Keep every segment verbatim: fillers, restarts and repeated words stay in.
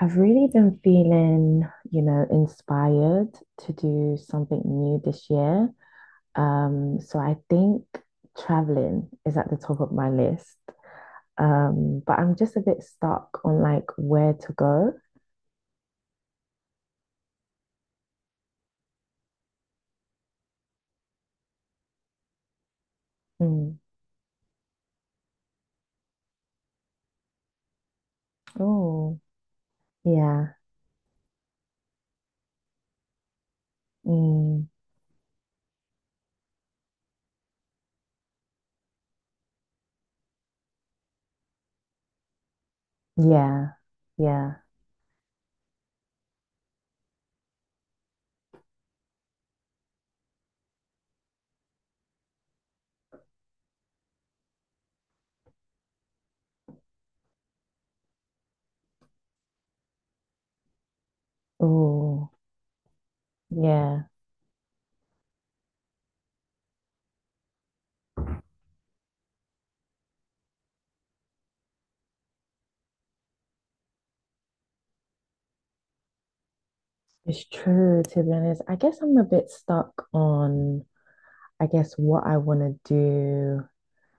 I've really been feeling, you know, inspired to do something new this year. Um, so I think traveling is at the top of my list. Um, but I'm just a bit stuck on like where to go. Mm. Oh, yeah. Mm. Yeah. Yeah. Oh, yeah. It's true, to be honest. I guess I'm a bit stuck on. I guess what I want to do,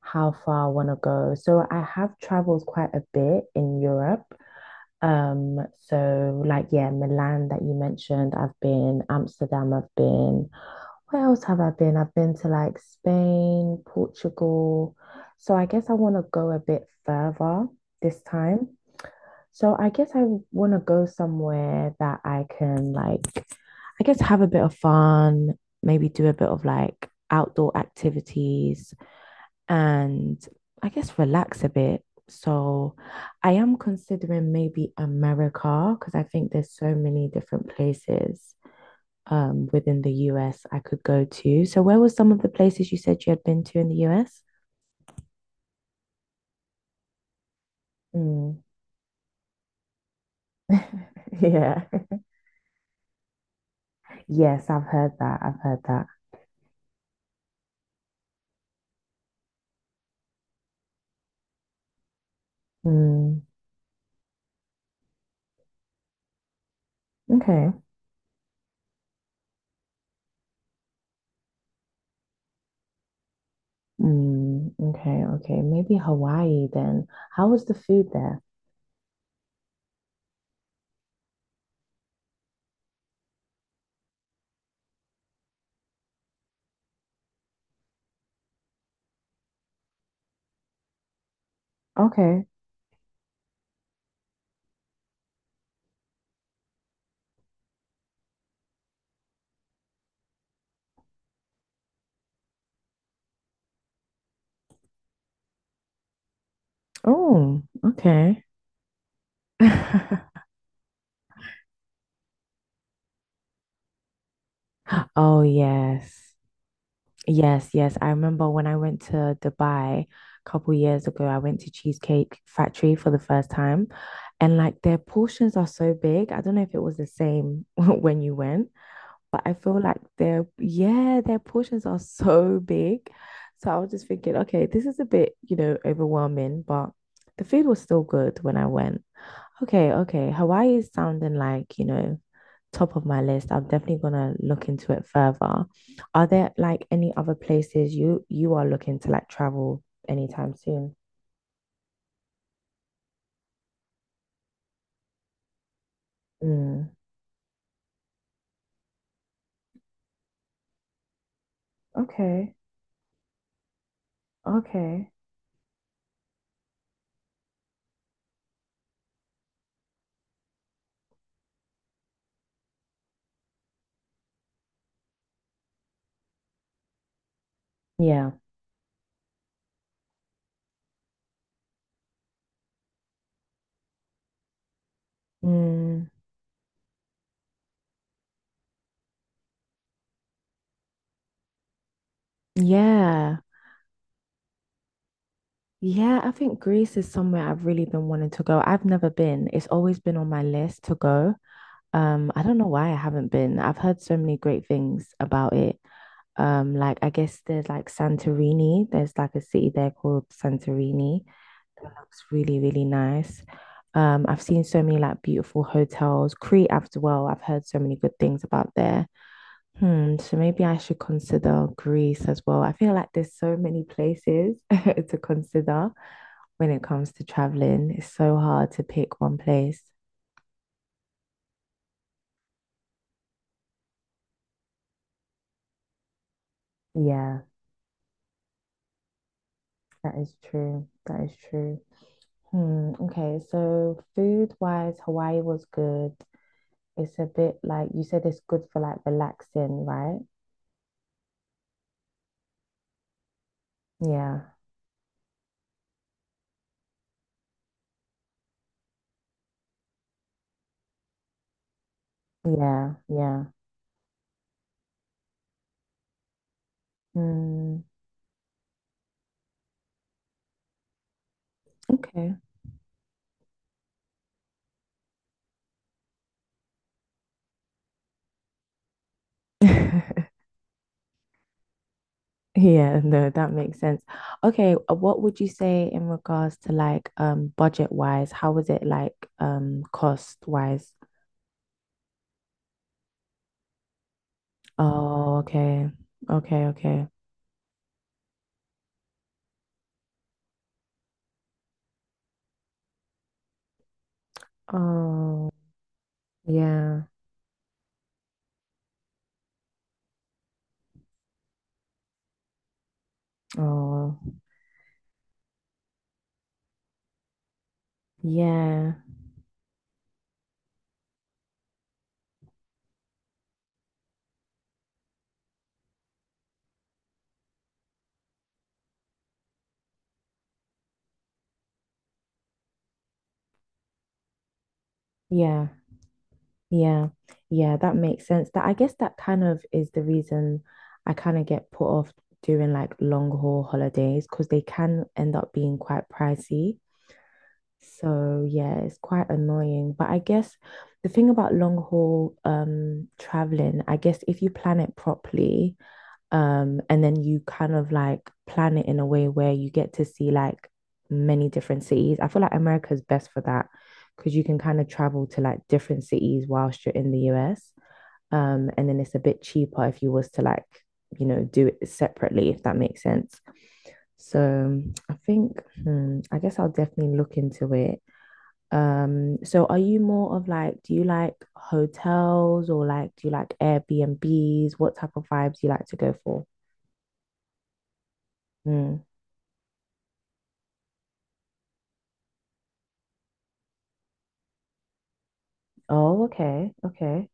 how far I want to go. So I have traveled quite a bit in Europe. Um, so like yeah, Milan that you mentioned, I've been, Amsterdam, I've been. Where else have I been? I've been to like Spain, Portugal. So I guess I want to go a bit further this time. So I guess I want to go somewhere that I can like, I guess have a bit of fun, maybe do a bit of like outdoor activities and I guess relax a bit. So I am considering maybe America because I think there's so many different places um within the U S I could go to. So where were some of the places you said you had been to in the U S? Mm, yeah. Yes, I've heard that. I've heard that. Mm, okay. Mm, okay, okay. Maybe Hawaii then. How was the food there? Okay. Oh, okay. Oh, yes. Yes, yes. I remember when I went to Dubai a couple years ago, I went to Cheesecake Factory for the first time. And like their portions are so big. I don't know if it was the same when you went, but I feel like their, yeah, their portions are so big. So I was just thinking, okay, this is a bit, you know, overwhelming, but the food was still good when I went. Okay, okay. Hawaii is sounding like, you know, top of my list. I'm definitely gonna look into it further. Are there like any other places you you are looking to like travel anytime soon? Mm, okay, okay. Yeah. Mm, yeah. Yeah, I think Greece is somewhere I've really been wanting to go. I've never been. It's always been on my list to go. Um, I don't know why I haven't been. I've heard so many great things about it. Um, like I guess there's like Santorini. There's like a city there called Santorini. It looks really, really nice. Um, I've seen so many like beautiful hotels. Crete as well. I've heard so many good things about there. Hmm, so maybe I should consider Greece as well. I feel like there's so many places to consider when it comes to traveling. It's so hard to pick one place. Yeah, that is true. That is true. Hmm, okay, so food wise, Hawaii was good. It's a bit like you said it's good for like relaxing, right? Yeah, yeah, yeah. Hmm, okay. Yeah, no, that makes sense. Okay, uh, what would you say in regards to like um budget wise? How was it like um cost wise? Oh, okay. Okay, okay. Oh, yeah. Oh, yeah. Yeah. Yeah, yeah, that makes sense. That I guess that kind of is the reason I kind of get put off doing like long haul holidays because they can end up being quite pricey. So yeah, it's quite annoying. But I guess the thing about long haul um traveling, I guess if you plan it properly, um, and then you kind of like plan it in a way where you get to see like many different cities. I feel like America's best for that because you can kind of travel to like different cities whilst you're in the U S. Um, and then it's a bit cheaper if you was to like, you know, do it separately, if that makes sense. So I think, hmm, I guess I'll definitely look into it. Um, so are you more of like, do you like hotels or like, do you like Airbnbs? What type of vibes do you like to go for? Mm. Oh, okay. Okay.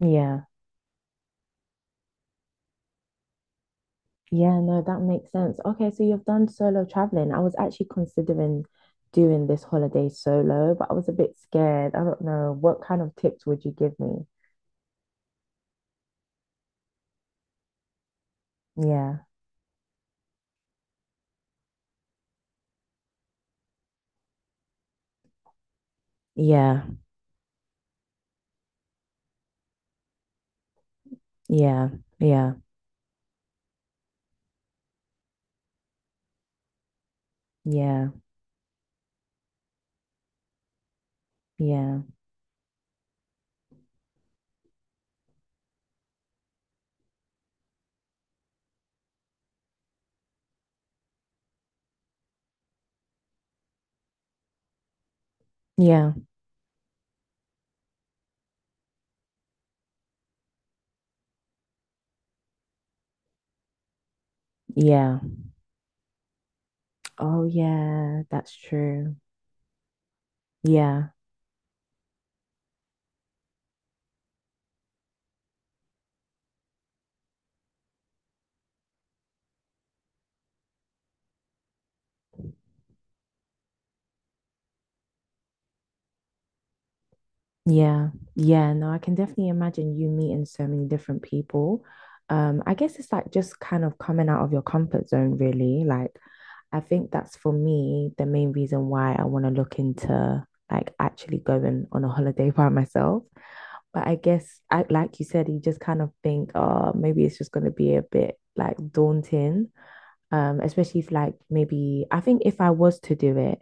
Yeah. Yeah, no, that makes sense. Okay, so you've done solo traveling. I was actually considering doing this holiday solo, but I was a bit scared. I don't know. What kind of tips would you give me? Yeah. Yeah. Yeah. Yeah. Yeah. Yeah. Yeah. Yeah. Oh, yeah, that's true. Yeah. Yeah, yeah, no, I can definitely imagine you meeting so many different people. Um, I guess it's like just kind of coming out of your comfort zone, really. Like, I think that's for me the main reason why I want to look into like actually going on a holiday by myself. But I guess, I, like you said, you just kind of think, oh, maybe it's just going to be a bit like daunting. Um, especially if like maybe I think if I was to do it,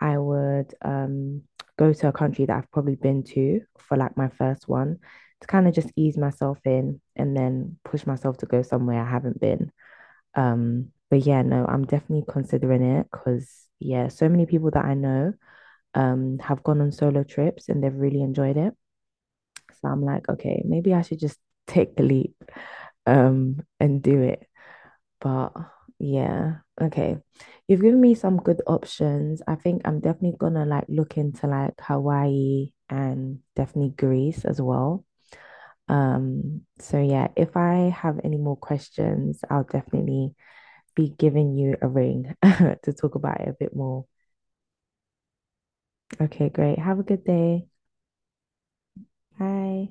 I would um go to a country that I've probably been to for like my first one to kind of just ease myself in and then push myself to go somewhere I haven't been. Um, but yeah, no, I'm definitely considering it because yeah, so many people that I know um have gone on solo trips and they've really enjoyed it. So I'm like, okay, maybe I should just take the leap um and do it. But yeah, okay. You've given me some good options. I think I'm definitely gonna like look into like Hawaii and definitely Greece as well. Um, so yeah, if I have any more questions, I'll definitely be giving you a ring to talk about it a bit more. Okay, great. Have a good day. Bye.